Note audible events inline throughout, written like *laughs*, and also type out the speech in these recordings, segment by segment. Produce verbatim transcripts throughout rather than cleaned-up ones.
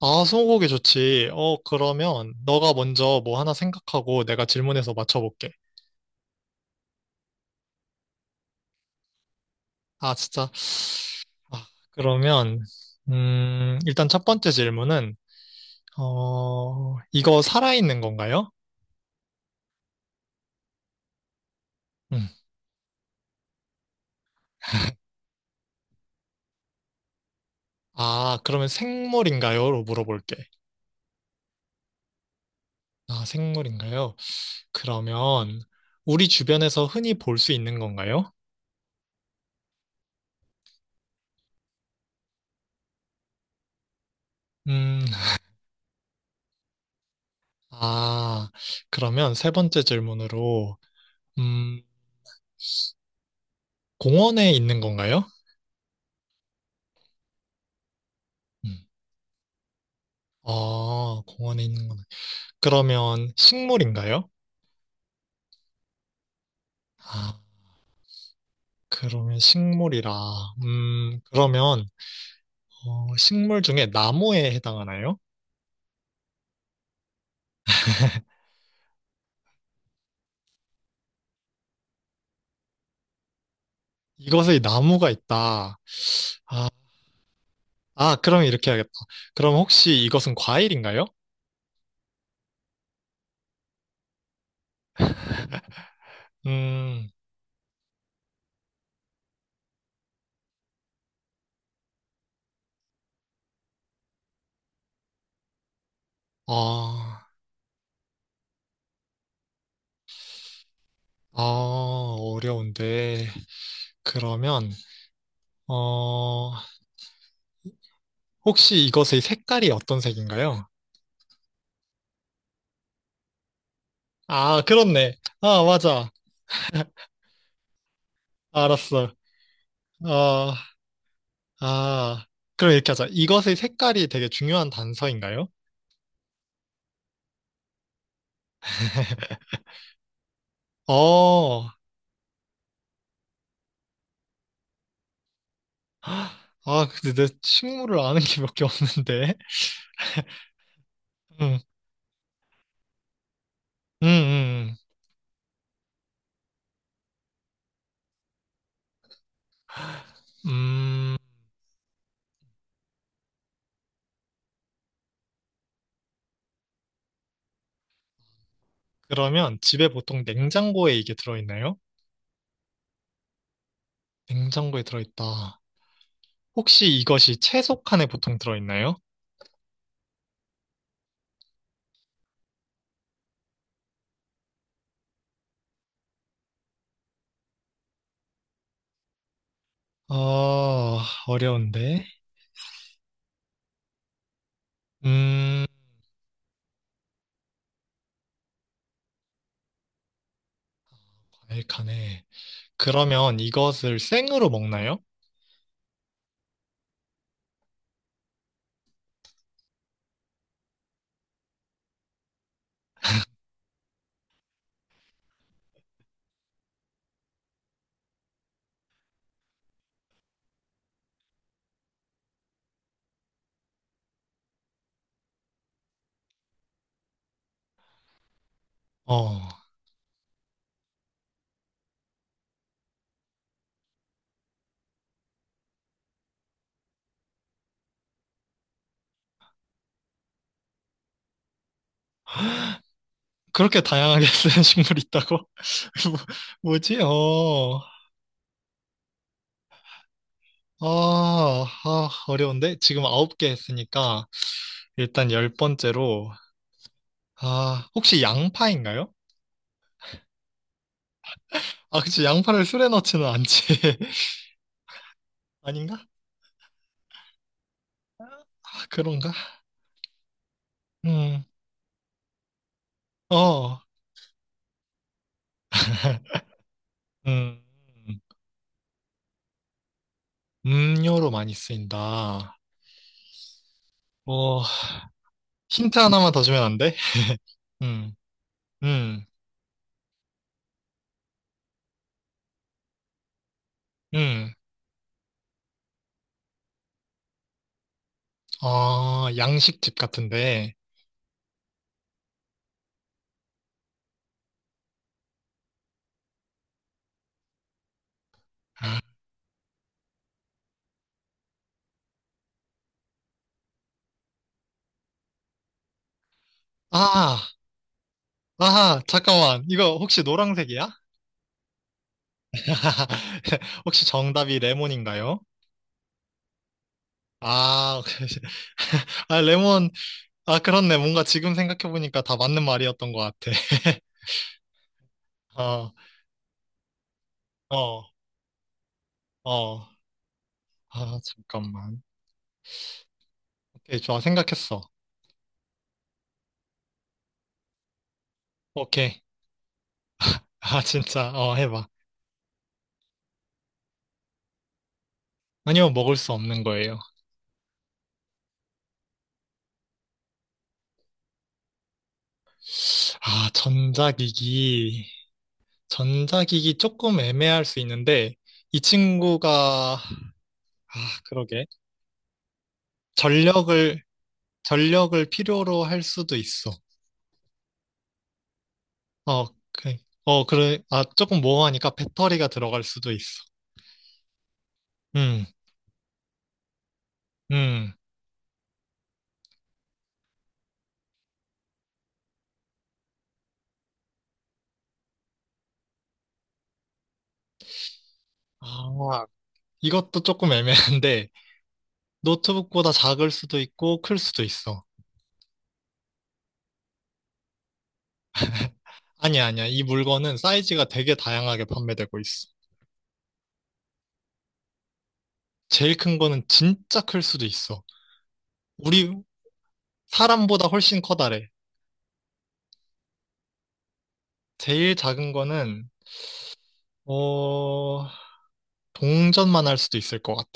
아, 스무고개 좋지. 어, 그러면 너가 먼저 뭐 하나 생각하고 내가 질문해서 맞춰볼게. 아, 진짜. 아, 그러면 음, 일단 첫 번째 질문은 어, 이거 살아있는 건가요? 음. 아, 그러면 생물인가요?로 물어볼게. 아, 생물인가요? 그러면 우리 주변에서 흔히 볼 수 있는 건가요? 음, 아, 그러면 세 번째 질문으로 음, 공원에 있는 건가요? 음. 아, 공원에 있는 거는. 그러면 식물인가요? 아, 그러면 식물이라. 음, 그러면, 어, 식물 중에 나무에 해당하나요? 이것의 나무가 있다. 아, 그러면 이렇게 해야겠다. 그럼 혹시 이것은 과일인가요? 음, 아, 아, 어려운데. 그러면, 어, 혹시 이것의 색깔이 어떤 색인가요? 아, 그렇네. 아, 맞아. 알았어. 아, 아, 그럼 이렇게 하자. 이것의 색깔이 되게 중요한 단서인가요? 어, 아, 근데 내 식물을 아는 게 몇 개 없는데. 음, 음, 음. 음, 그러면 집에 보통 냉장고에 이게 들어있나요? 냉장고에 들어있다. 혹시 이것이 채소 칸에 보통 들어있나요? 어, 어려운데. 음, 과일 칸에. 그러면 이것을 생으로 먹나요? 어. 그렇게 다양하게 *laughs* 쓰는 식물이 있다고? *laughs* 뭐, 지 어. 아, 아, 어려운데? 지금 아홉 개 했으니까, 일단 열 번째로, 아, 혹시 양파인가요? 아, 그치, 양파를 술에 넣지는 않지. *laughs* 아닌가? 아, 그런가? 음, 어, *laughs* 음, 음료로 많이 쓰인다. 어, 힌트 하나만 더 주면 안 돼? 음, 음, 음, 어, 양식집 같은데. 아, 아, 잠깐만. 이거 혹시 노란색이야? *laughs* 혹시 정답이 레몬인가요? 아, *laughs* 아, 레몬. 아, 그렇네. 뭔가 지금 생각해보니까 다 맞는 말이었던 것 같아. *laughs* 어, 어, 어. 아, 잠깐만. 오케이, 좋아. 생각했어. 오케이. 아, 진짜. 어, 해봐. 아니요, 먹을 수 없는 거예요. 아, 전자기기. 전자기기 조금 애매할 수 있는데, 이 친구가, 아, 그러게. 전력을, 전력을 필요로 할 수도 있어. 어, 그, 어, 그래. 아, 조금 모호하니까 배터리가 들어갈 수도 있어. 음, 음. 아, 이것도 조금 애매한데, *laughs* 노트북보다 작을 수도 있고, 클 수도 있어. 아니야, 아니야. 이 물건은 사이즈가 되게 다양하게 판매되고 있어. 제일 큰 거는 진짜 클 수도 있어. 우리 사람보다 훨씬 커다래. 제일 작은 거는, 어, 동전만 할 수도 있을 것 같아.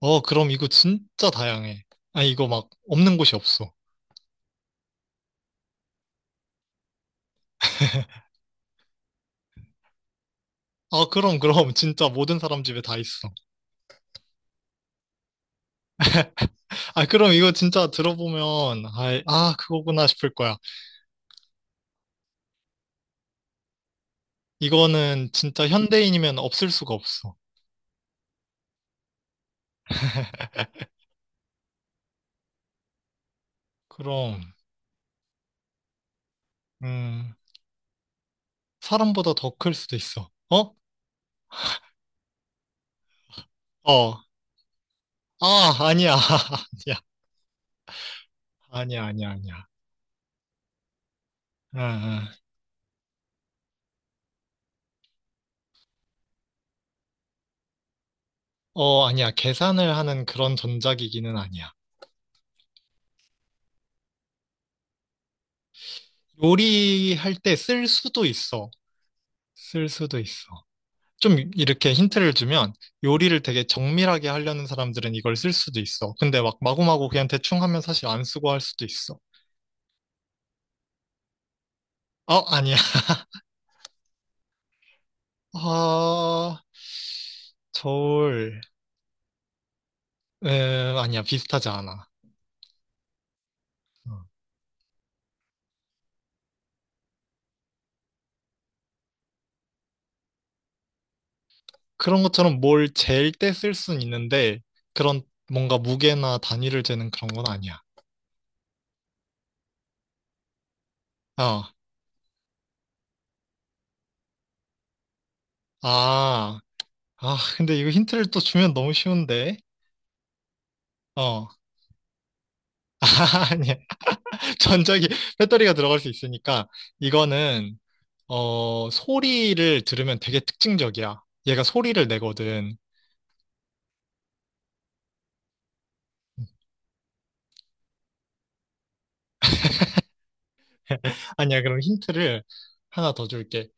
어, 그럼 이거 진짜 다양해. 아, 이거 막 없는 곳이 없어. *laughs* 아, 그럼, 그럼. 진짜 모든 사람 집에 다 있어. 아, 그럼 이거 진짜 들어보면, 아, 아, 그거구나 싶을 거야. 이거는 진짜 현대인이면 없을 수가 없어. 그럼, 음, 사람보다 더 클 수도 있어. 어? 어. 아, 아니야. *laughs* 아니야. 아니야, 아니야, 아니야. 아, 아. 어, 아니야. 계산을 하는 그런 전자기기는 아니야. 요리할 때 쓸 수도 있어. 쓸 수도 있어. 좀 이렇게 힌트를 주면 요리를 되게 정밀하게 하려는 사람들은 이걸 쓸 수도 있어. 근데 막 마구마구 그냥 대충 하면 사실 안 쓰고 할 수도 있어. 어, 아니야. *laughs* 아, 저울. 음, 아니야. 비슷하지 않아. 어. 그런 것처럼 뭘 잴 때 쓸 순 있는데 그런 뭔가 무게나 단위를 재는 그런 건 아니야. 어. 아, 아, 근데 이거 힌트를 또 주면 너무 쉬운데. 어, *laughs* 아니야. 전자기, 배터리가 들어갈 수 있으니까 이거는 어, 소리를 들으면 되게 특징적이야. 얘가 소리를 내거든. 아니야, 그럼 힌트를 하나 더 줄게.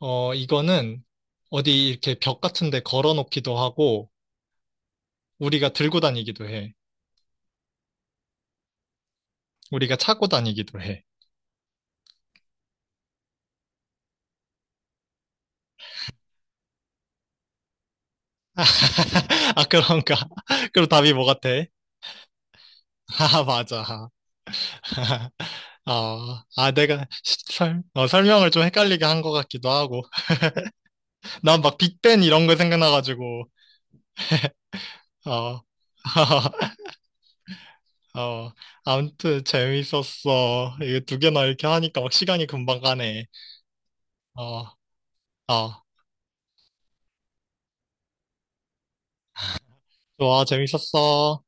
어, 이거는 어디 이렇게 벽 같은 데 걸어 놓기도 하고, 우리가 들고 다니기도 해. 우리가 차고 다니기도 해. *laughs* 아, 그런가? *laughs* 그럼 답이 뭐 같아? *laughs* 아, 맞아. *laughs* 어, 아, 내가 시- 설, 어, 설명을 좀 헷갈리게 한 것 같기도 하고. 난 막 빅뱅 이런 거 생각나가지고, 어. *laughs* 어, 아무튼 재밌었어. 이게 두 개나 이렇게 하니까 막 시간이 금방 가네. 어, 어, 좋아, 재밌었어.